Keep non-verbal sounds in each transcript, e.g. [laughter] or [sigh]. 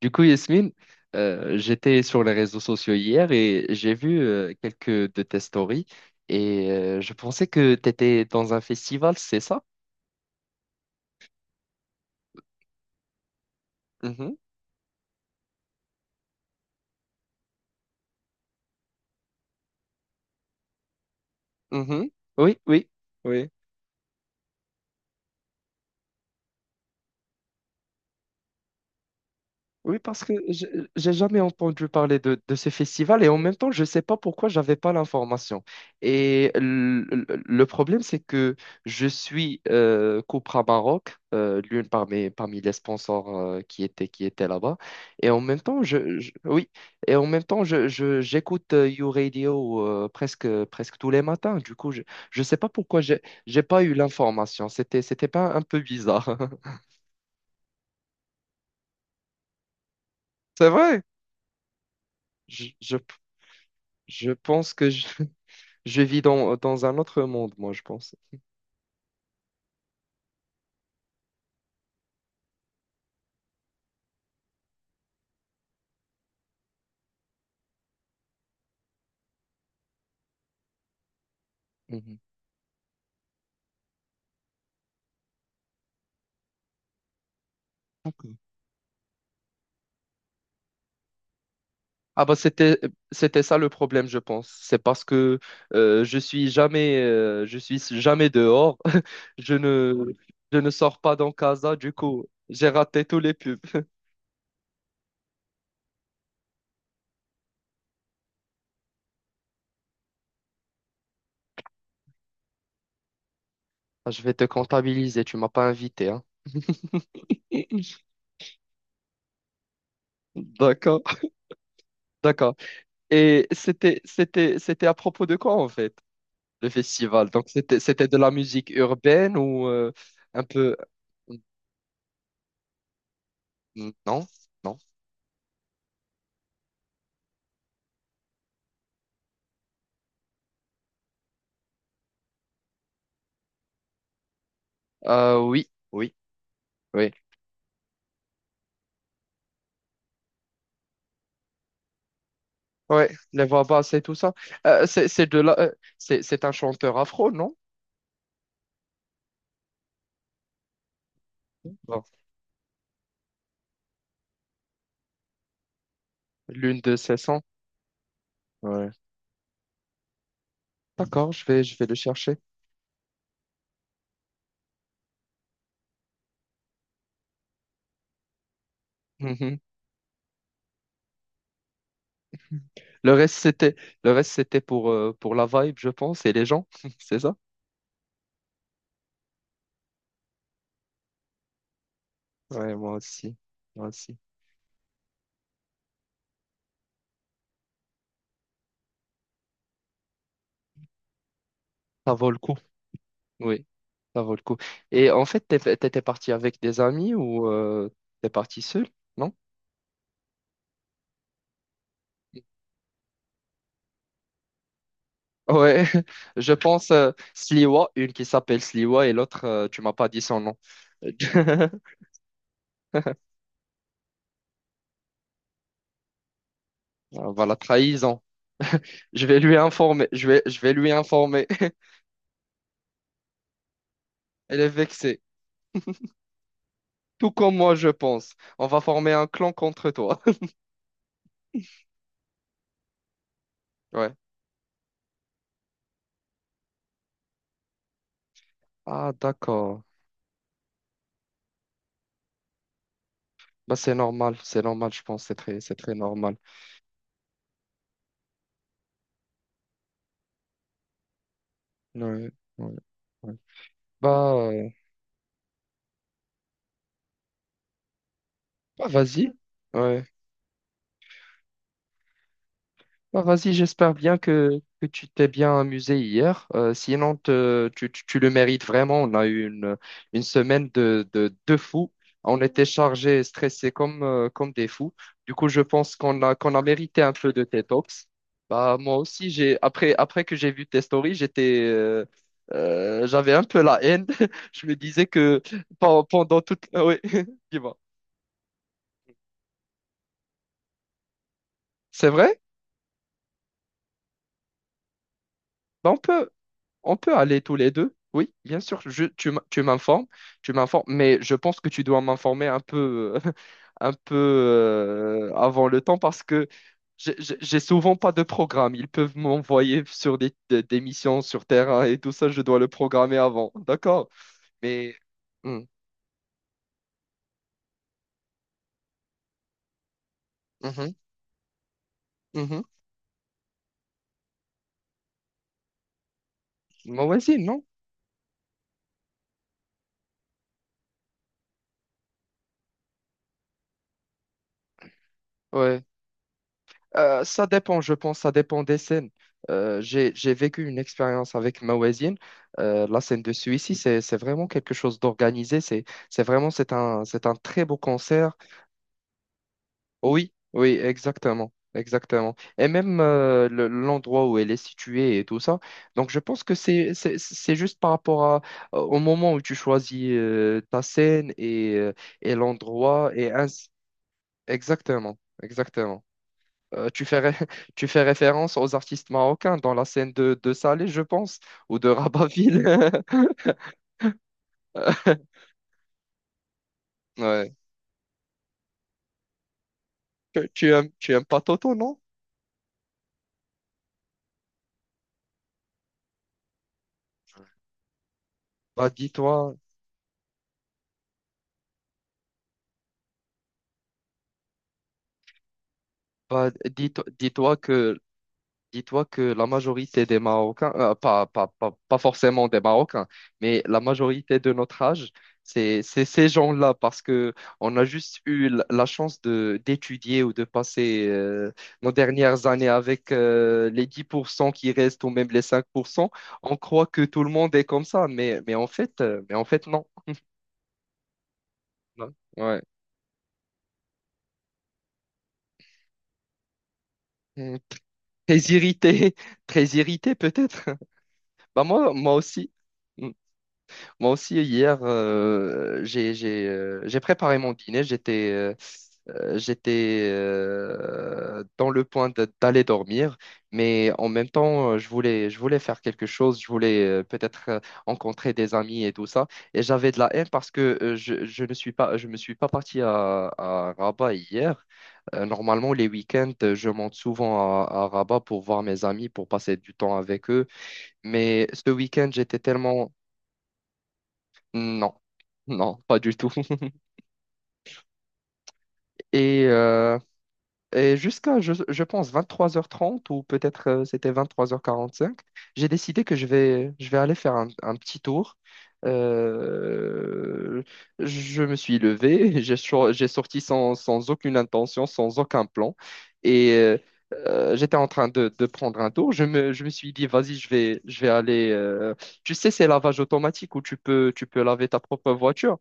Du coup, Yasmine, j'étais sur les réseaux sociaux hier et j'ai vu quelques de tes stories et je pensais que tu étais dans un festival, c'est ça? Mhm, mhm. Oui, oui, oui. Oui, parce que j'ai jamais entendu parler de ce festival et en même temps, je ne sais pas pourquoi j'avais pas l'information. Et le problème, c'est que je suis Copra Maroc, l'une parmi les sponsors qui qui étaient là-bas. Et en même temps, oui, et en même temps, j'écoute You Radio presque, presque tous les matins. Du coup, je ne sais pas pourquoi j'ai pas eu l'information. C'était pas un peu bizarre. [laughs] C'est vrai. Je, je, je pense que je vis dans un autre monde, moi, je pense. Mhm. D'accord. Ah bah c'était ça le problème, je pense. C'est parce que je suis jamais dehors. [laughs] Je ne je ne sors pas dans Casa. Du coup, j'ai raté tous les pubs. [laughs] Ah, je vais te comptabiliser, tu m'as pas invité, hein. [laughs] D'accord, d'accord. Et c'était à propos de quoi en fait le festival? Donc c'était de la musique urbaine ou un peu hmm, non, non. Oui, oui. Oui. Ouais, les voix basses et tout ça. C'est de là, c'est un chanteur afro, non? Bon, l'une de ses sons. Ouais. D'accord, je vais le chercher. Mhm. Le reste c'était le reste c'était pour la vibe, je pense, et les gens, [laughs] c'est ça? Ouais, moi aussi, moi aussi. Ça vaut le coup. Oui, ça vaut le coup. Et en fait, t'étais parti avec des amis ou t'es parti seul, non? Ouais, [laughs] je pense Sliwa, une qui s'appelle Sliwa et l'autre, tu m'as pas dit son nom. [laughs] Voilà, trahison. Je vais lui informer. Je vais lui informer. [laughs] Elle est vexée. Tout comme moi, je pense. On va former un clan contre toi. [laughs] Ouais. Ah, d'accord. Bah, c'est normal. C'est normal, je pense. C'est très normal. Ouais, ouais, ouais. Bah, bah, vas-y. Ouais. Bah, vas-y, j'espère bien que tu t'es bien amusé hier. Sinon, tu le mérites vraiment. On a eu une semaine de fous. On était chargés et stressés comme, comme des fous. Du coup, je pense qu'on a mérité un peu de tes talks. Bah, moi aussi, après que j'ai vu tes stories, j'étais, j'avais un peu la haine. [laughs] Je me disais que pen- pendant toute... Ah oui, [laughs] dis-moi. C'est vrai? Bah, on peut, On peut aller tous les deux, oui, bien sûr. Je, tu m'informes, mais je pense que tu dois m'informer un peu, [laughs] un peu avant le temps, parce que j'ai souvent pas de programme. Ils peuvent m'envoyer sur des missions sur terrain et tout ça, je dois le programmer avant, d'accord? Mais. Hmm. Mhm. Mhm. Moi aussi, non? Ouais. Ça dépend, je pense, ça dépend des scènes. J'ai vécu une expérience avec ma voisine. La scène de celui-ci, c'est vraiment quelque chose d'organisé. C'est un très beau concert. Oui, oui, exactement, exactement. Et même l'endroit où elle est située et tout ça. Donc, je pense que c'est juste par rapport à, au moment où tu choisis ta scène et l'endroit et ainsi. Exactement, exactement. Euh, tu fais, ré- [laughs] tu fais référence aux artistes marocains dans la scène de Salé, je pense, ou de Rabatville. [laughs] Ouais. Tu aimes pas Toto, non? Bah, dis-toi, bah, dis-toi que dis-toi que la majorité des Marocains, pas forcément des Marocains, mais la majorité de notre âge, c'est ces gens-là, parce que on a juste eu la chance de d'étudier ou de passer nos dernières années avec les 10% qui restent ou même les 5%. On croit que tout le monde est comme ça, mais en fait, non. Ouais. Mm. Très irrité, [laughs] très irrité peut-être. [laughs] Bah moi, moi aussi. Hmm. Moi aussi, hier, j'ai préparé mon dîner. J'étais j'étais dans le point d'aller dormir, mais en même temps, je voulais faire quelque chose. Je voulais peut-être rencontrer des amis et tout ça. Et j'avais de la haine parce que je me suis pas parti à Rabat hier. Normalement, les week-ends, je monte souvent à Rabat pour voir mes amis, pour passer du temps avec eux. Mais ce week-end, j'étais tellement non, non, pas du tout. [laughs] Et et jusqu'à, je pense, 23h30 ou peut-être c'était 23h45, j'ai décidé que je vais aller faire un petit tour. Euh, je me suis levé, [laughs] j'ai sorti sans, sans aucune intention, sans aucun plan. Et j'étais en train de prendre un tour. Je me suis dit, vas-y, je vais aller. Euh, tu sais, ces lavages automatiques où tu peux laver ta propre voiture.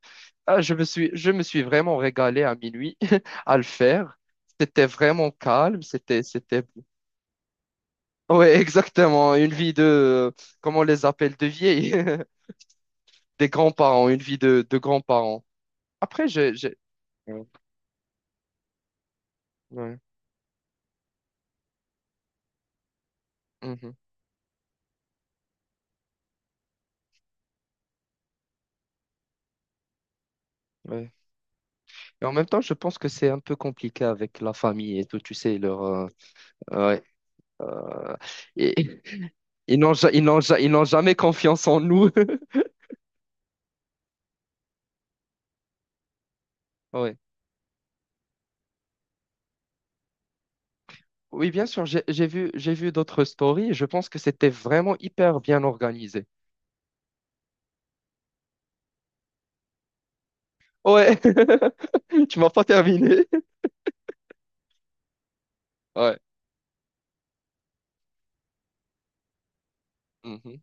Ah, je me suis vraiment régalé à minuit [laughs] à le faire. C'était vraiment calme, ouais, [laughs] exactement, une vie de, comment on les appelle, de vieilles [laughs] des grands-parents, une vie de grands-parents. Après, j'ai, j'ai, ouais, ouais, mhm, ouais. Et en même temps, je pense que c'est un peu compliqué avec la famille et tout, tu sais, leur, ouais, euh, et- ils n'ont, ils n'ont, ils n'ont jamais confiance en nous. [laughs] Ouais. Oui, bien sûr, j'ai vu d'autres stories, je pense que c'était vraiment hyper bien organisé. Ouais, [laughs] tu m'as pas terminé. Ouais. Mhm.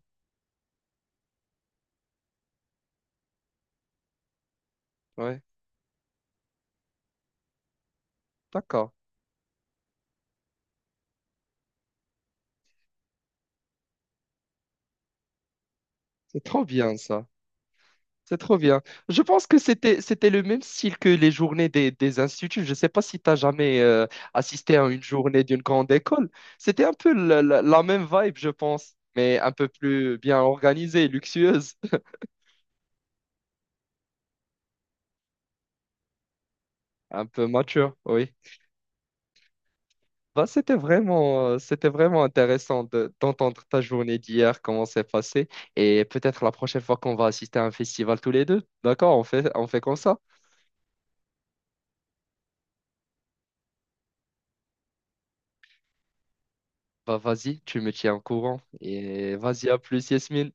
Ouais, d'accord. C'est trop bien ça. C'est trop bien. Je pense que c'était le même style que les journées des instituts. Je ne sais pas si tu as jamais assisté à une journée d'une grande école. C'était un peu la même vibe, je pense, mais un peu plus bien organisée, luxueuse, [laughs] un peu mature, oui. Bah, c'était vraiment intéressant d'entendre ta journée d'hier, comment c'est passé. Et peut-être la prochaine fois qu'on va assister à un festival tous les deux. D'accord, on fait comme ça. Bah vas-y, tu me tiens au courant. Et vas-y, à plus, Yasmine.